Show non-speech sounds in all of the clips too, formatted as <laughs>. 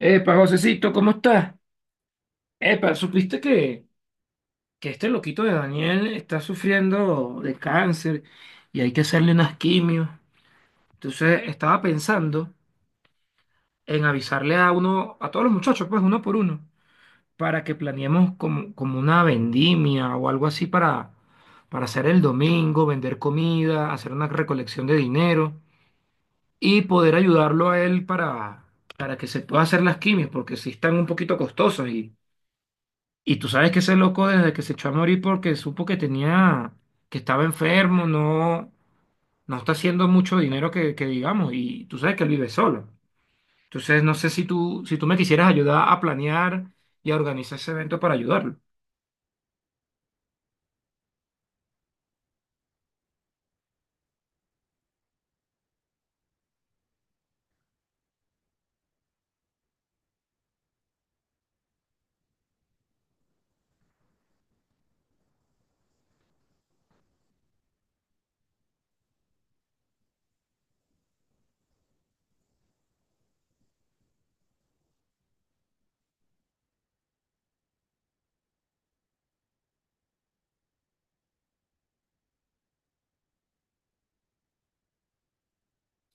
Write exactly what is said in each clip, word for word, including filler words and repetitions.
Epa, Josecito, ¿cómo estás? Epa, ¿supiste que, que este loquito de Daniel está sufriendo de cáncer y hay que hacerle unas quimios? Entonces estaba pensando en avisarle a uno, a todos los muchachos, pues uno por uno, para que planeemos como, como una vendimia o algo así para, para hacer el domingo, vender comida, hacer una recolección de dinero y poder ayudarlo a él para, para que se pueda hacer las quimios, porque sí están un poquito costosas. Y tú sabes que ese loco desde que se echó a morir porque supo que tenía, que estaba enfermo, no, no está haciendo mucho dinero que, que digamos, y tú sabes que él vive solo. Entonces no sé si tú, si tú me quisieras ayudar a planear y a organizar ese evento para ayudarlo.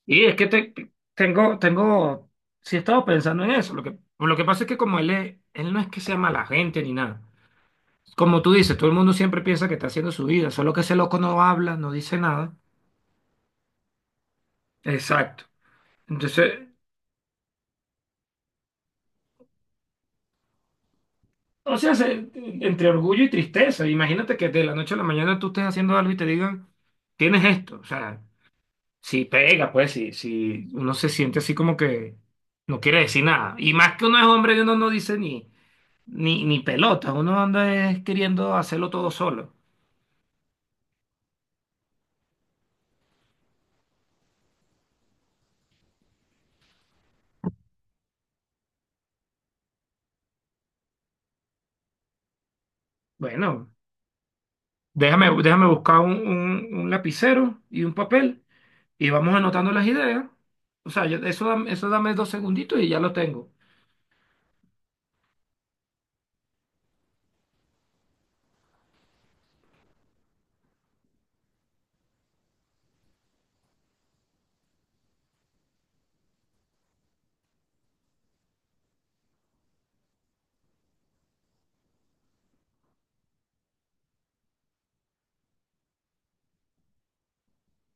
Y es que te- tengo, tengo, sí he estado pensando en eso. Lo que, lo que pasa es que como él es- él no es que sea mala gente ni nada. Como tú dices, todo el mundo siempre piensa que está haciendo su vida, solo que ese loco no habla, no dice nada. Exacto. Entonces, o sea, se- entre orgullo y tristeza. Imagínate que de la noche a la mañana tú estés haciendo algo y te digan, tienes esto. O sea, si pega, pues, si, si uno se siente así como que no quiere decir nada. Y más que uno es hombre y uno no dice ni, ni, ni pelota. Uno anda es queriendo hacerlo todo solo. Bueno, déjame, déjame buscar un, un- un lapicero y un papel y vamos anotando las ideas. O sea, yo- eso, dame- eso dame dos segunditos y ya lo tengo.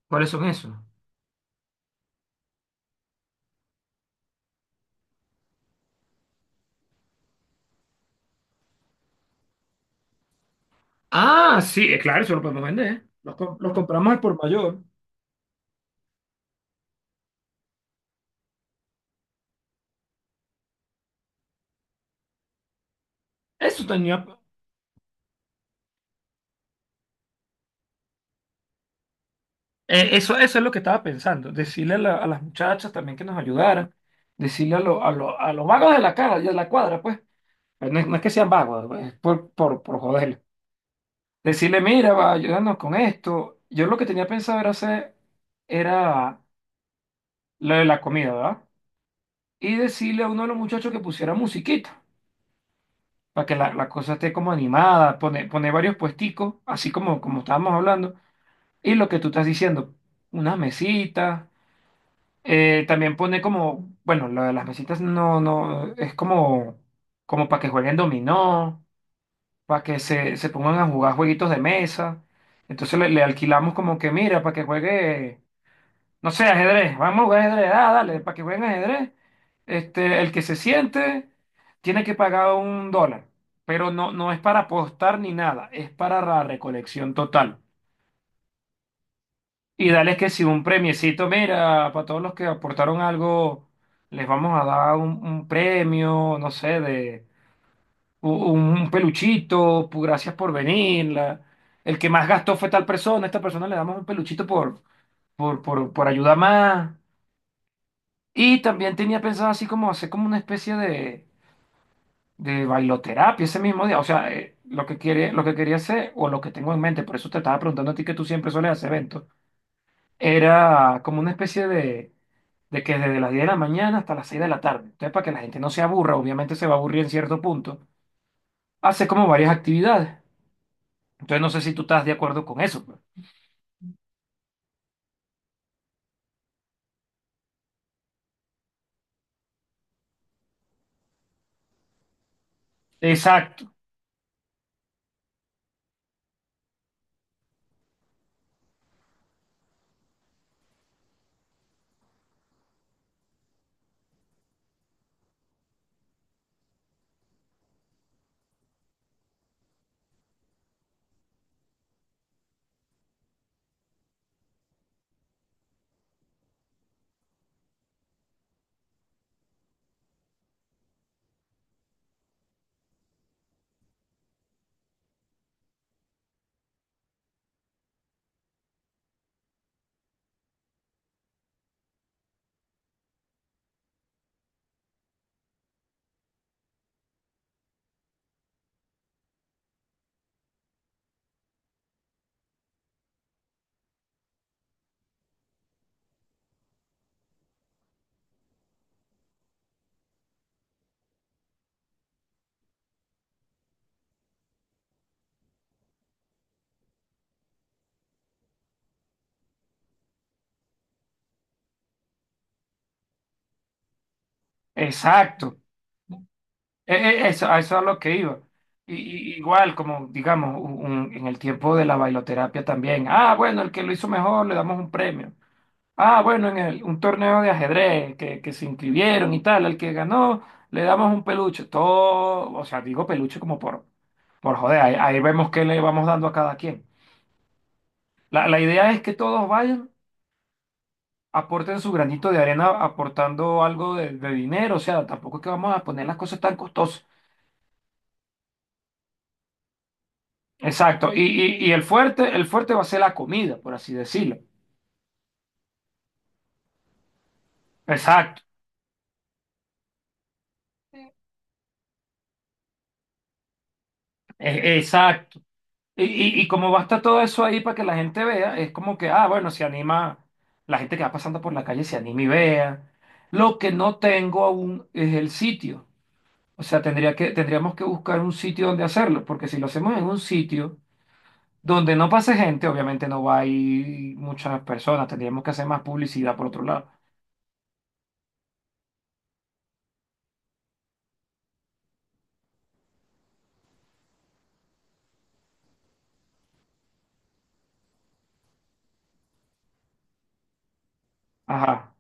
¿Cuáles son esos? Ah, sí, eh, claro, eso lo podemos vender. Los, com- los compramos al por mayor. Eso tenía, eh, eso, eso es lo que estaba pensando. Decirle a, la- a las muchachas también que nos ayudaran. Decirle a, lo- a, lo- a los vagos de la cara, de la cuadra, pues. Pero No es, no es que sean vagos, pues, es por, por, por joder. Decirle, mira, va, ayúdanos con esto. Yo lo que tenía pensado era hacer, era lo de la comida, ¿verdad? Y decirle a uno de los muchachos que pusiera musiquita, para que la, la cosa esté como animada, poner, poner varios puesticos, así como, como estábamos hablando. Y lo que tú estás diciendo, una mesita. Eh, también pone como, bueno, lo de las mesitas no, no, es como, como para que jueguen dominó, para que se, se pongan a jugar jueguitos de mesa. Entonces le, le alquilamos como que, mira, para que juegue, no sé, ajedrez, vamos a jugar ajedrez, ah, dale, para que jueguen ajedrez. Este, el que se siente tiene que pagar un dólar, pero no, no es para apostar ni nada, es para la recolección total. Y dales que si un premiecito, mira, para todos los que aportaron algo, les vamos a dar un, un premio, no sé, de u- un, un peluchito, pu- gracias por venir. la- el que más gastó fue tal persona, a esta persona le damos un peluchito por, por, por, por ayuda más. Y también tenía pensado así como hacer como una especie de, de bailoterapia ese mismo día. O sea, eh, lo que quiere, lo que quería hacer, o lo que tengo en mente, por eso te estaba preguntando a ti que tú siempre sueles hacer eventos, era como una especie de de que desde las diez de la mañana hasta las seis de la tarde. Entonces, para que la gente no se aburra, obviamente se va a aburrir en cierto punto, hace como varias actividades. Entonces, no sé si tú estás de acuerdo con eso, pues. Exacto, exacto. E- e- eso, a eso es a lo que iba. Y, y- igual, como digamos, un- un- en el tiempo de la bailoterapia también. Ah, bueno, el que lo hizo mejor le damos un premio. Ah, bueno, en el, un torneo de ajedrez que, que se inscribieron y tal, al que ganó le damos un peluche, todo, o sea, digo peluche como por, por joder, ahí, ahí vemos qué le vamos dando a cada quien. La, la idea es que todos vayan, aporten su granito de arena aportando algo de, de dinero, o sea, tampoco es que vamos a poner las cosas tan costosas. Exacto, y, y, y el fuerte, el fuerte va a ser la comida, por así decirlo. Exacto, e- exacto. Y, y, y como va a estar todo eso ahí para que la gente vea, es como que, ah, bueno, se anima, la gente que va pasando por la calle se anima y vea. Lo que no tengo aún es el sitio. O sea, tendría que, tendríamos que buscar un sitio donde hacerlo, porque si lo hacemos en un sitio donde no pase gente, obviamente no va a ir muchas personas, tendríamos que hacer más publicidad por otro lado. Ajá,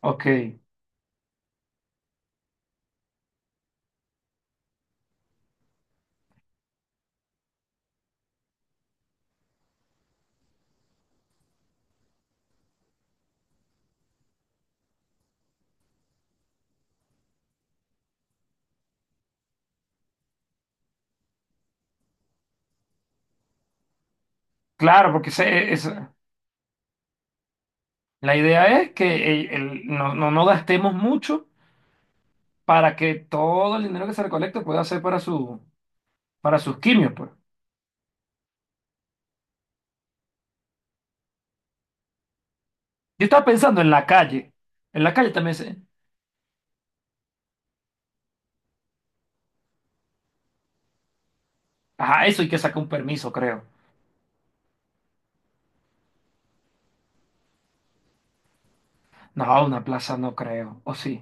ok. Claro, porque se- es- la idea es que el- el- no, no, no gastemos mucho para que todo el dinero que se recolecte pueda ser para su para sus quimios, pues. Yo estaba pensando en la calle. En la calle también se... Ajá, eso hay que sacar un permiso, creo. No, una plaza no creo. O sí.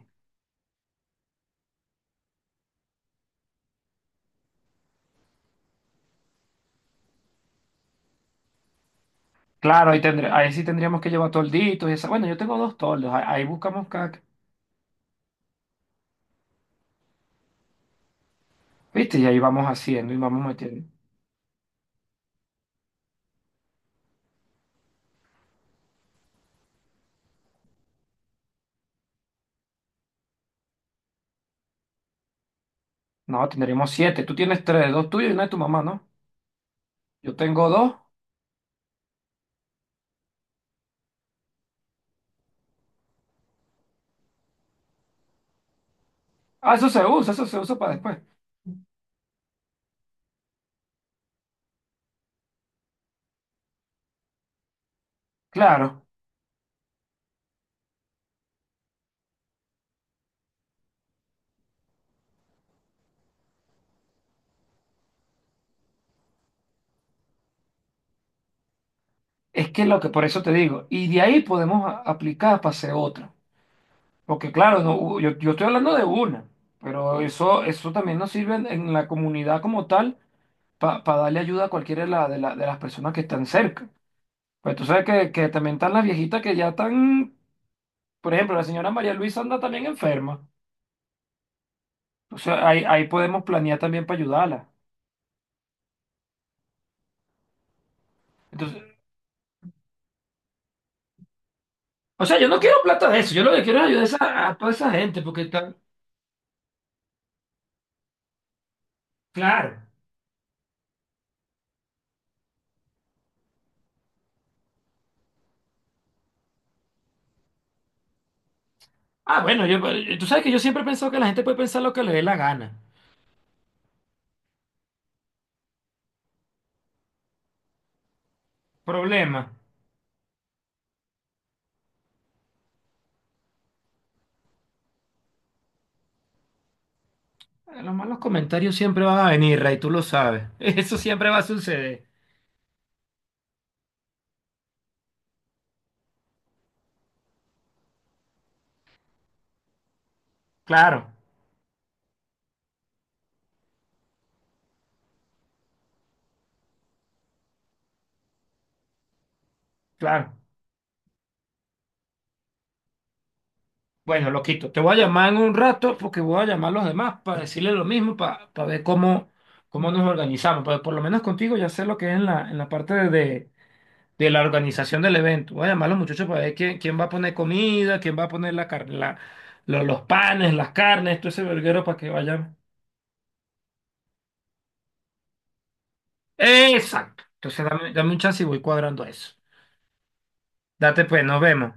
Claro, ahí tendré, ahí sí tendríamos que llevar tolditos y esa. Bueno, yo tengo dos toldos. Ahí, ahí buscamos cada... ¿Viste? Y ahí vamos haciendo y vamos metiendo. No, tendríamos siete. Tú tienes tres, dos tuyos y una de tu mamá, ¿no? Yo tengo dos. Ah, eso se usa, eso se usa para después. Claro. Es que lo que por eso te digo. Y de ahí podemos a- aplicar para hacer otra. Porque claro, no, yo, yo estoy hablando de una, pero eso, eso también nos sirve en, en la comunidad como tal para darle ayuda a cualquiera de, la- de, la- de las personas que están cerca. Pues tú sabes que, que también están las viejitas que ya están, por ejemplo, la señora María Luisa anda también enferma. O sea, ahí, ahí podemos planear también para ayudarla. Entonces, o sea, yo no quiero plata de eso, yo lo que quiero es ayudar a, esa- a toda esa gente porque están... Claro. Ah, bueno, yo, eh, tú sabes que yo siempre he pensado que la gente puede pensar lo que le dé la gana. Problema. Eh, Los malos comentarios siempre van a venir, Ray, tú lo sabes. <laughs> Eso siempre va a suceder. Claro, claro. Bueno, loquito, te voy a llamar en un rato porque voy a llamar a los demás para decirles lo mismo, para, para ver cómo, cómo nos organizamos. Pero por lo menos contigo ya sé lo que es en la, en la parte de, de- de la organización del evento. Voy a llamar a los muchachos para ver quién, quién va a poner comida, quién va a poner la, car- la- lo- los panes, las carnes, todo ese verguero para que vayan. Exacto. Entonces dame, dame un chance y voy cuadrando eso. Date pues, nos vemos.